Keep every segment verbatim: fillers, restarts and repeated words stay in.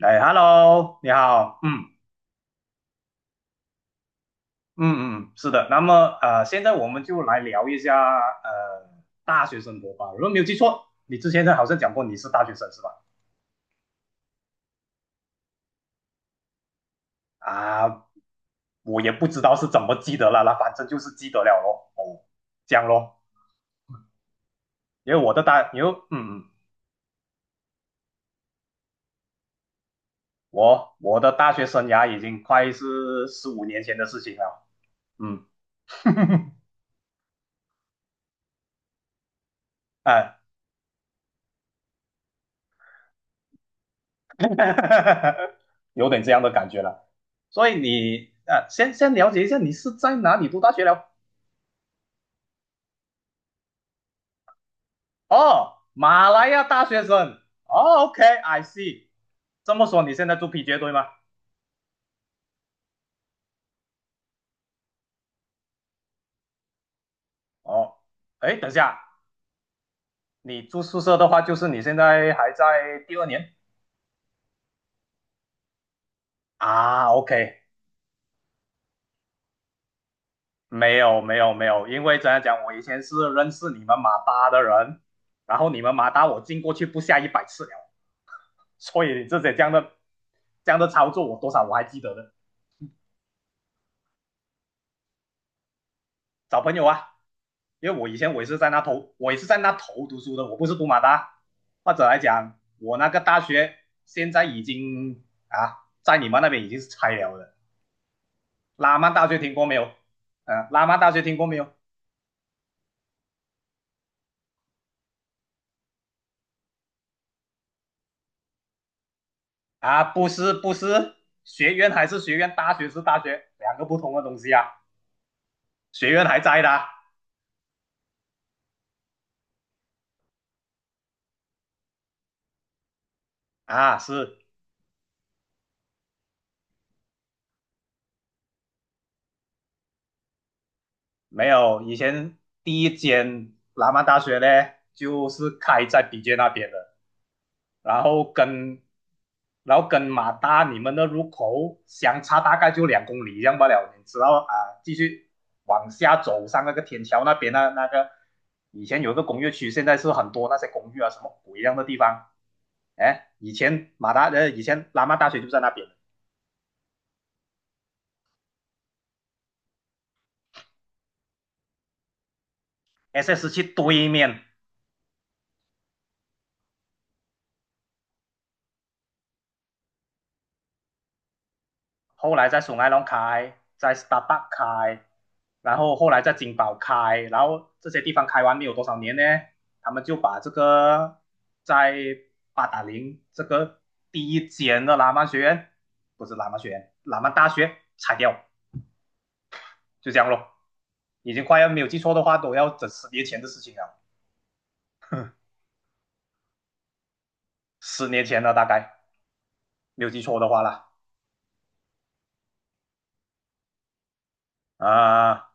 哎，Hello，你好，嗯嗯嗯，是的。那么呃，现在我们就来聊一下呃大学生活吧。如果没有记错，你之前好像讲过你是大学生是吧？啊，我也不知道是怎么记得了啦，反正就是记得了咯。哦，这样咯。因为我的大，因为嗯嗯，我我的大学生涯已经快是十五年前的事情了。嗯，哎，有点这样的感觉了。所以你呃，先先了解一下你是在哪里读大学了？哦，马来亚大学生。哦，OK，I see。这么说你现在住 P J 对吗？哦，哎，等一下，你住宿舍的话，就是你现在还在第二年啊？OK，没有没有没有。因为怎样讲，我以前是认识你们马大的人，然后你们马大我进过去不下一百次了，所以这些这样的这样的操作，我多少我还记得的。找朋友啊，因为我以前我也是在那头，我也是在那头读书的，我不是读马大。或者来讲，我那个大学现在已经啊，在你们那边已经是拆了的。拉曼大学听过没有？嗯、呃拉曼大学听过没有？啊，不是不是。学院还是学院，大学是大学，两个不同的东西啊。学院还在的啊。啊，是。没有。以前第一间拉曼大学呢，就是开在比杰那边的。然后跟然后跟马达你们的入口相差大概就两公里这样罢了，你知道啊。继续往下走上那个天桥那边那那个以前有一个工业区，现在是很多那些公寓啊什么鬼一样的地方。哎，以前马达的以前拉曼大学就在那边，S S 七对面。后来在松爱龙开，在 Starbucks 开，然后后来在金宝开。然后这些地方开完没有多少年呢，他们就把这个在八达岭这个第一间的喇嘛学院，不是喇嘛学院，喇嘛大学拆掉，就这样咯。已经快，要没有记错的话，都要整十年前的事情了，十年前了大概，没有记错的话啦。啊、呃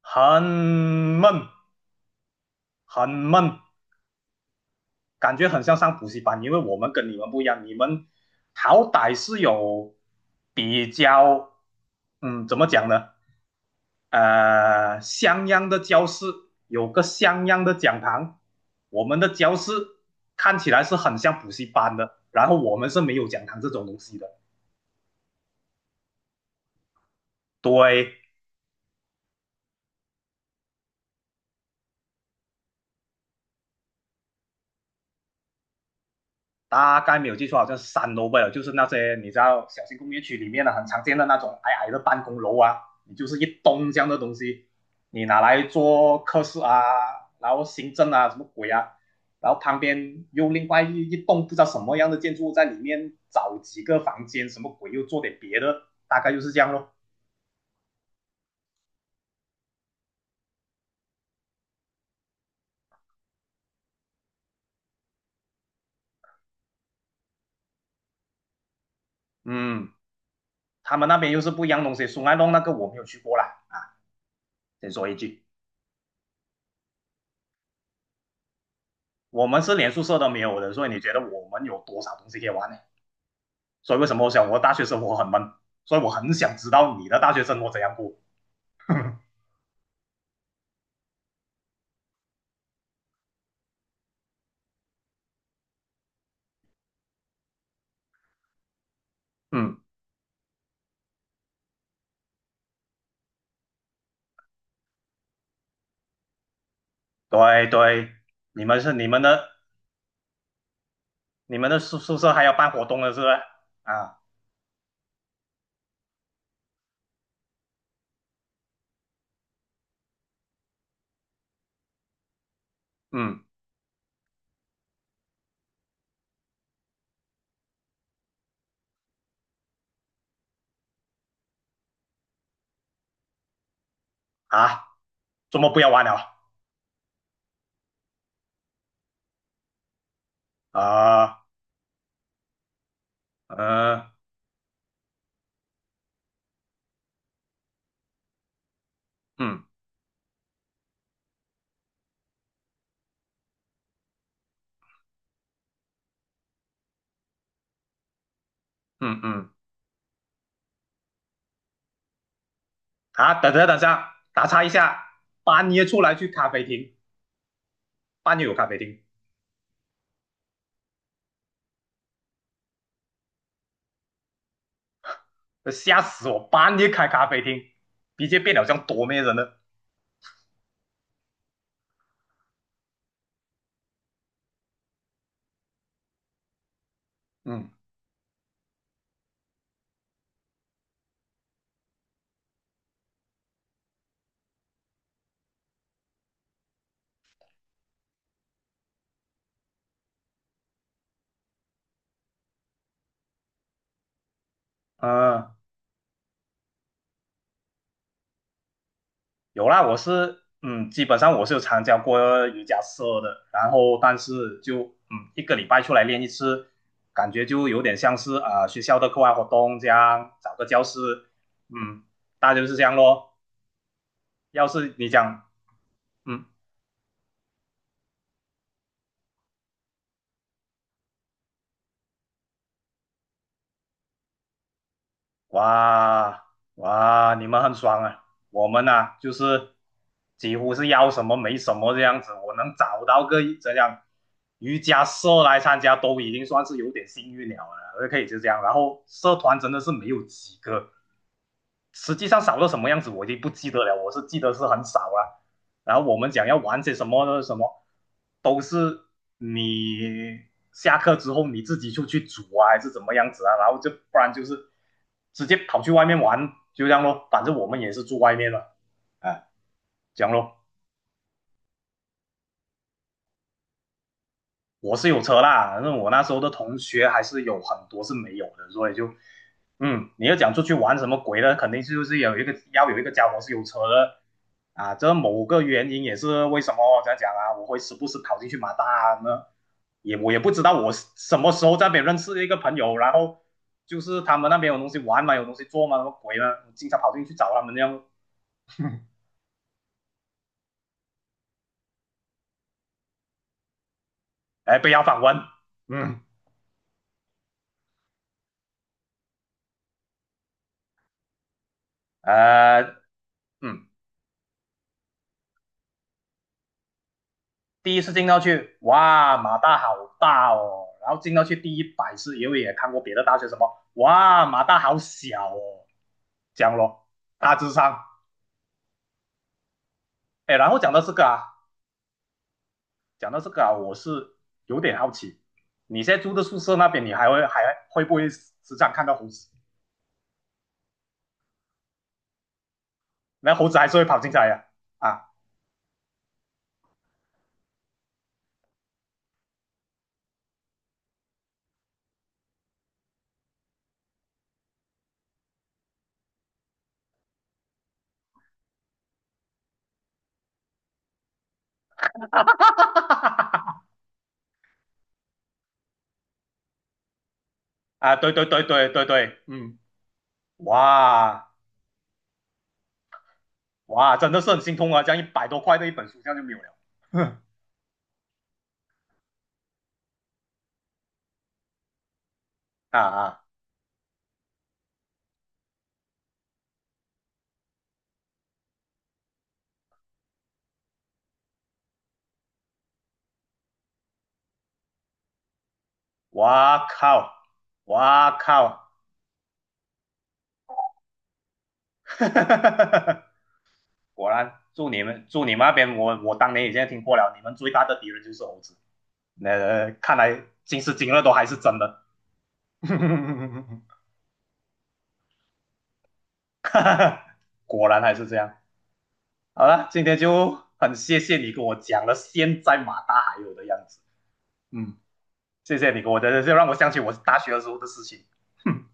很闷，很闷。感觉很像上补习班，因为我们跟你们不一样。你们好歹是有比较，嗯，怎么讲呢？呃，像样的教室，有个像样的讲堂。我们的教室看起来是很像补习班的，然后我们是没有讲堂这种东西的。对。大概没有记错，好像是三楼吧，就是那些你知道小型工业区里面的很常见的那种矮矮的办公楼啊，你就是一栋这样的东西。你拿来做科室啊，然后行政啊，什么鬼啊，然后旁边又另外一一栋不知道什么样的建筑在里面找几个房间，什么鬼又做点别的，大概就是这样咯。嗯，他们那边又是不一样的东西，松安洞那个我没有去过啦。先说一句，我们是连宿舍都没有的，所以你觉得我们有多少东西可以玩呢？所以为什么我想我的大学生活很闷？所以我很想知道你的大学生活怎样过。嗯，对对。你们是你们的你们的宿宿舍还要办活动了是不是？啊，嗯啊，周末不要玩了啊。呃，嗯嗯嗯，啊，等下等下，打岔一下。半夜出来去咖啡厅，半夜有咖啡厅，吓死我！半夜开咖啡厅，直接变了像多面人了。嗯啊。有啦。我是嗯，基本上我是有参加过瑜伽社的，然后但是就嗯，一个礼拜出来练一次，感觉就有点像是啊、呃学校的课外活动这样，找个教室。嗯，大概就是这样咯。要是你讲。嗯。哇，哇，你们很爽啊！我们啊，就是几乎是要什么没什么这样子。我能找到个这样瑜伽社来参加，都已经算是有点幸运了了，可以就这样。然后社团真的是没有几个，实际上少到什么样子我已经不记得了，我是记得是很少了。然后我们讲要玩些什么呢？什么都是你下课之后你自己出去煮啊，还是怎么样子啊？然后就不然就是直接跑去外面玩，就这样咯。反正我们也是住外面了，啊，这样咯。我是有车啦，那我那时候的同学还是有很多是没有的，所以就，嗯，你要讲出去玩什么鬼呢？肯定就是有一个要有一个家伙是有车的啊。这某个原因也是为什么这样讲啊，我会时不时跑进去马大呢？也我也不知道我什么时候在那边认识一个朋友，然后就是他们那边有东西玩嘛，有东西做嘛，什么鬼呢？我经常跑进去找他们这样。哎，被要访问。嗯，呃，嗯，第一次进到去，哇，马大好大哦。然后进到去第一百次，因为也看过别的大学什么，哇，马大好小哦，讲样咯，大致上。哎，然后讲到这个啊，讲到这个啊，我是有点好奇。你现在住的宿舍那边，你还会还会不会时常看到猴子？那猴子还是会跑进来呀、啊？啊啊，对对对对对对，嗯，哇哇，真的是很心痛啊！这样一百多块的一本书，这样就没有了。哼啊啊。哇靠，哇靠，果然，祝你们祝你们那边，我我当年已经听过了，你们最大的敌人就是猴子。那、呃、看来今时今日都还是真的。果然还是这样。好了，今天就很谢谢你跟我讲了现在马大还有的样子。嗯，谢谢你给我的，就让我想起我大学的时候的事情。哼，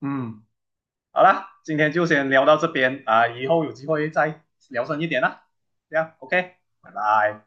嗯。好啦，今天就先聊到这边啊。呃以后有机会再聊深一点啦。这样，OK，拜拜。